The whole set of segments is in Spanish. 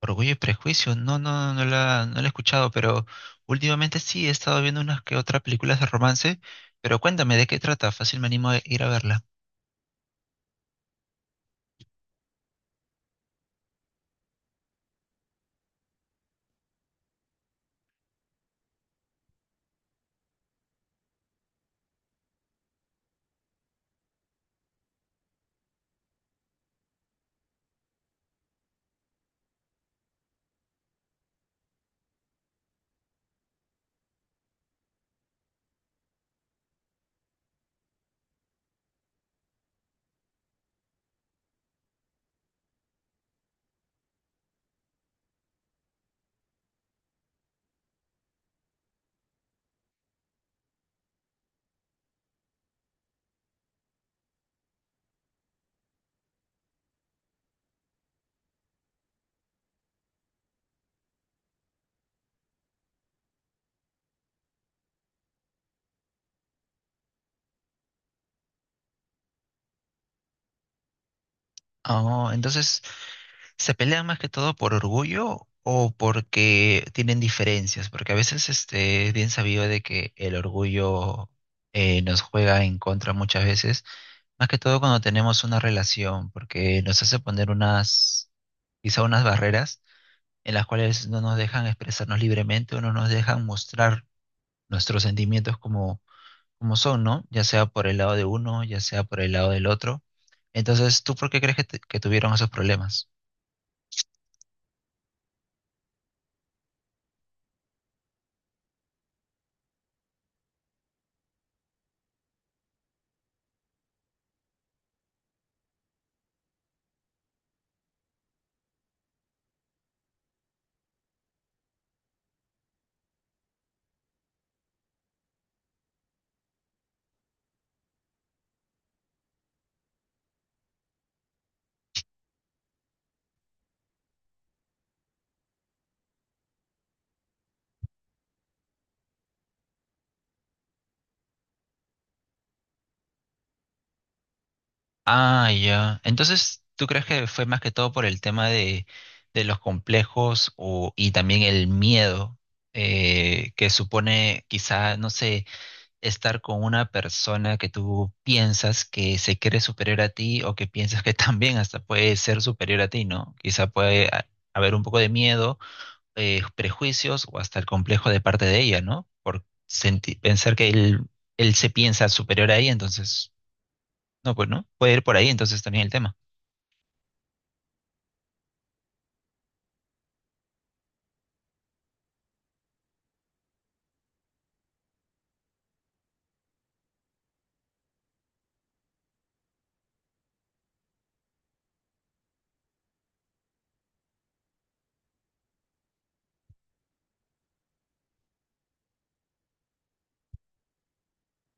Orgullo y Prejuicio, no, no, no la he escuchado, pero últimamente sí he estado viendo unas que otras películas de romance, pero cuéntame de qué trata, fácil me animo a ir a verla. Oh, entonces, ¿se pelean más que todo por orgullo o porque tienen diferencias? Porque a veces es bien sabido de que el orgullo nos juega en contra muchas veces. Más que todo cuando tenemos una relación, porque nos hace poner quizá unas barreras en las cuales no nos dejan expresarnos libremente o no nos dejan mostrar nuestros sentimientos como son, ¿no? Ya sea por el lado de uno, ya sea por el lado del otro. Entonces, ¿tú por qué crees que que tuvieron esos problemas? Ah, ya. Entonces, ¿tú crees que fue más que todo por el tema de los complejos o, y también el miedo que supone quizá, no sé, estar con una persona que tú piensas que se cree superior a ti o que piensas que también hasta puede ser superior a ti, ¿no? Haber un poco de miedo, prejuicios o hasta el complejo de parte de ella, ¿no? Pensar que él se piensa superior a ella, entonces, no, pues no, puede ir por ahí entonces también el tema.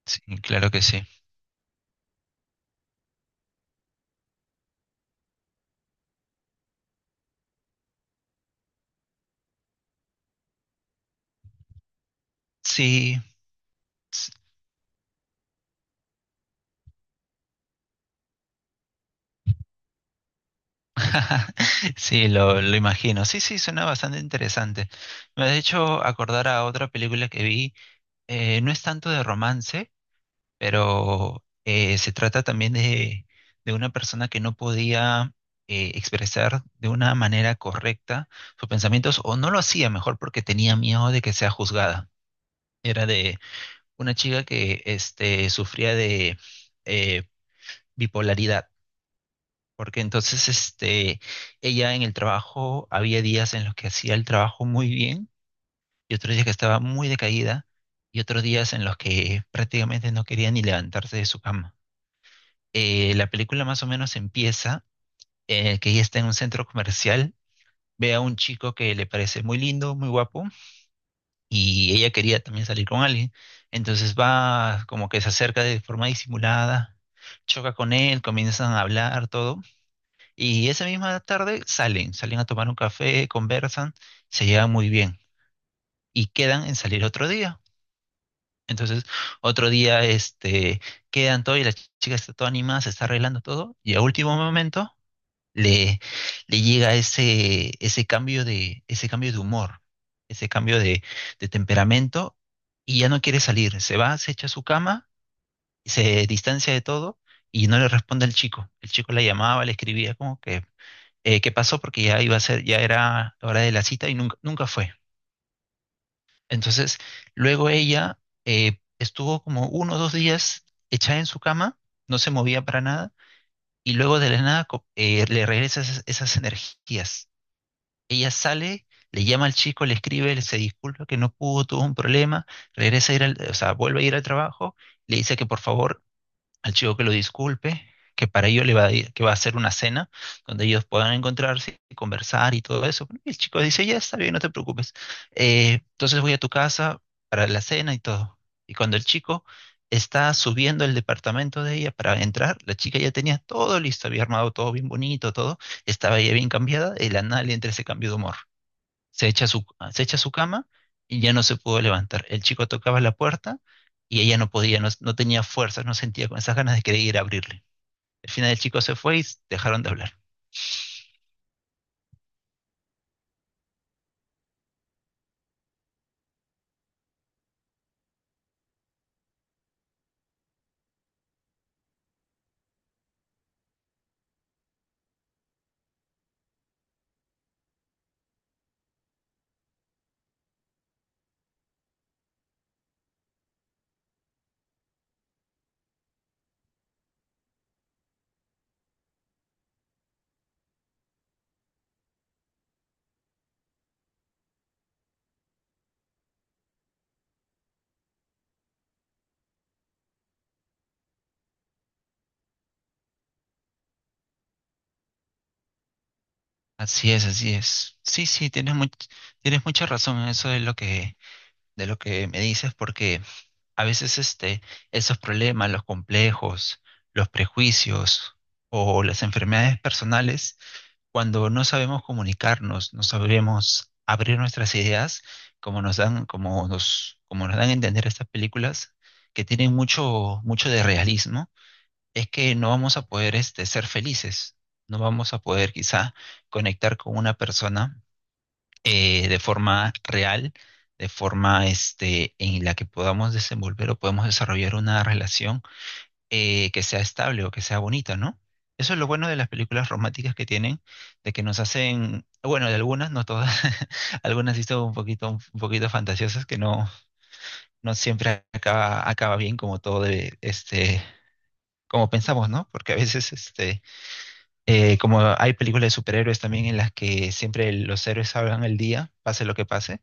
Sí, claro que sí. Sí. s- Sí, lo imagino. Sí, sí, suena bastante interesante. Me ha hecho acordar a otra película que vi, no es tanto de romance, pero se trata también de una persona que no podía expresar de una manera correcta sus pensamientos o no lo hacía mejor porque tenía miedo de que sea juzgada. Era de una chica que sufría de eh, bipolaridad. Porque entonces ella en el trabajo había días en los que hacía el trabajo muy bien y otros días que estaba muy decaída, y otros días en los que prácticamente no quería ni levantarse de su cama. La película más o menos empieza, que ella está en un centro comercial, ve a un chico que le parece muy lindo, muy guapo, y ella quería también salir con alguien. Entonces va como que se acerca de forma disimulada, choca con él, comienzan a hablar, todo. Y esa misma tarde salen a tomar un café, conversan, se llevan muy bien y quedan en salir otro día. Entonces, otro día, quedan todo y la chica está toda animada, se está arreglando todo, y a último momento le, le llega ese cambio ese cambio de humor, ese cambio de, de temperamento, y ya no quiere salir. Se va, se echa a su cama, se distancia de todo, y no le responde al chico. El chico la llamaba, le escribía como que, ¿qué pasó? Porque ya era la hora de la cita y nunca, nunca fue. Entonces, luego ella estuvo como uno o dos días echada en su cama, no se movía para nada, y luego de la nada le regresa esas energías. Ella sale, le llama al chico, le escribe, le se disculpa que no pudo, tuvo un problema, regresa a ir al, o sea, vuelve a ir al trabajo, le dice que por favor al chico que lo disculpe, que para ello le va a, que va a hacer una cena donde ellos puedan encontrarse y conversar y todo eso. Y el chico dice, ya está bien, no te preocupes. Entonces voy a tu casa para la cena y todo. Y cuando el chico está subiendo el departamento de ella para entrar, la chica ya tenía todo listo, había armado todo bien bonito, todo, estaba ella bien cambiada, y la nada le entra ese cambio de humor, se echa a su cama y ya no se pudo levantar. El chico tocaba la puerta y ella no podía, no tenía fuerzas, no sentía con esas ganas de querer ir a abrirle. Al final el chico se fue y dejaron de hablar. Así es, así es. Sí, sí, tienes mucha razón en eso de lo de lo que me dices, porque a veces esos problemas, los complejos, los prejuicios o las enfermedades personales cuando no sabemos comunicarnos, no sabemos abrir nuestras ideas, como nos dan a entender estas películas, que tienen mucho, mucho de realismo, es que no vamos a poder ser felices, no vamos a poder quizá conectar con una persona de forma real, de forma en la que podamos desenvolver o podemos desarrollar una relación que sea estable o que sea bonita, ¿no? Eso es lo bueno de las películas románticas que tienen, de que nos hacen, bueno, de algunas, no todas, algunas sí son un poquito fantasiosas, que no, acaba bien como todo como pensamos, ¿no? Porque a veces, como hay películas de superhéroes también en las que siempre los héroes salvan el día, pase lo que pase,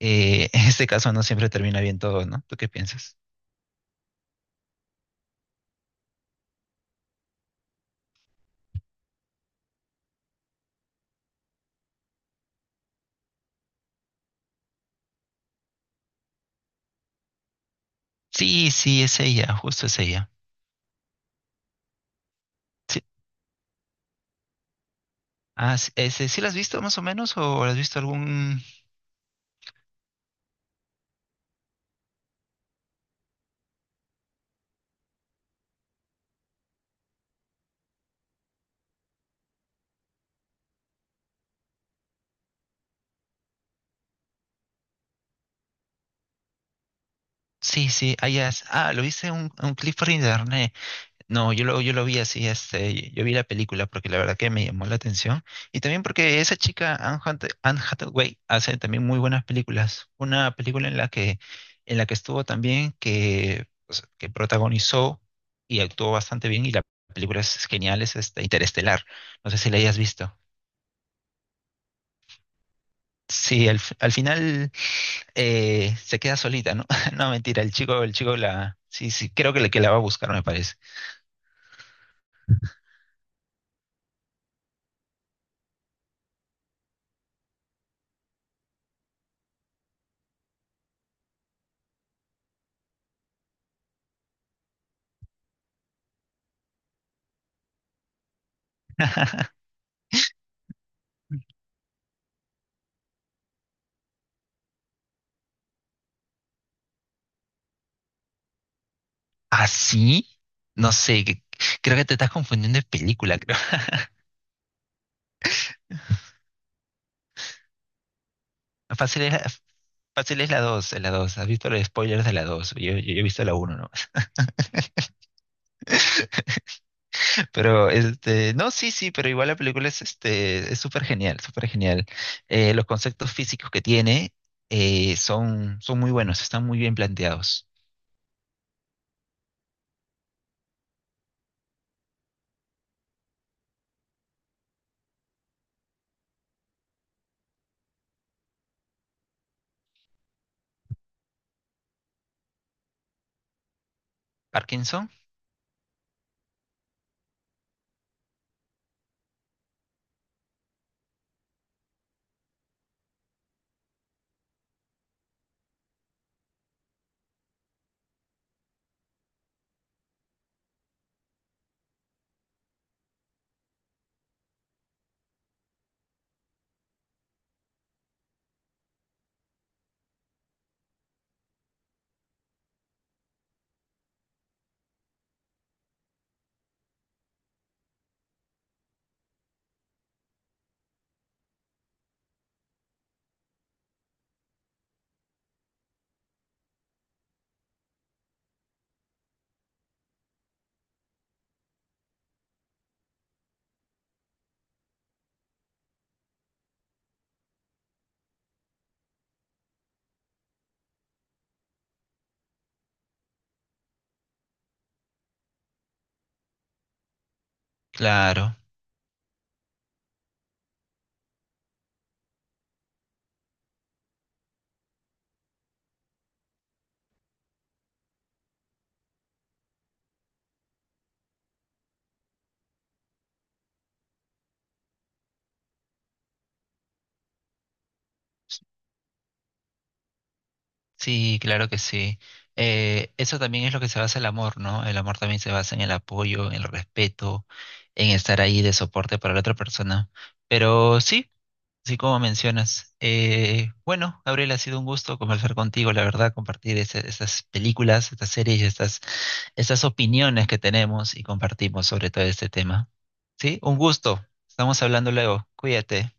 en este caso no siempre termina bien todo, ¿no? ¿Tú qué piensas? Sí, sí, es ella, justo es ella. Sí. Ah, sí, ese, ¿sí la has visto más o menos? ¿O la has visto algún...? Sí, sí, ah, ya, lo viste en un clip por internet. No, yo lo vi así, yo vi la película porque la verdad que me llamó la atención. Y también porque esa chica, Anne Hathaway, hace también muy buenas películas. Una película en la que estuvo también, que, o sea, que protagonizó y actuó bastante bien, y la película es genial, es Interestelar. No sé si la hayas visto. Sí, al final se queda solita, ¿no? No, mentira, el chico la. Sí, sí, creo que que la va a buscar, me parece. ¿Así? No sé, creo que te estás confundiendo de película, creo. Fácil es, la- Fácil es la 2, la dos. ¿Has visto los spoilers de la 2? Yo he visto la uno, ¿no? Pero, no, sí, sí, pero igual la película es, es súper genial, súper genial. Los conceptos físicos que tiene son muy buenos, están muy bien planteados. Parkinson. Claro, sí, claro que sí. Eso también es lo que se basa el amor, ¿no? El amor también se basa en el apoyo, en el respeto, en estar ahí de soporte para la otra persona. Pero sí, sí como mencionas. Bueno, Gabriel, ha sido un gusto conversar contigo, la verdad, compartir estas películas, estas series, estas opiniones que tenemos y compartimos sobre todo este tema. Sí, un gusto. Estamos hablando luego. Cuídate.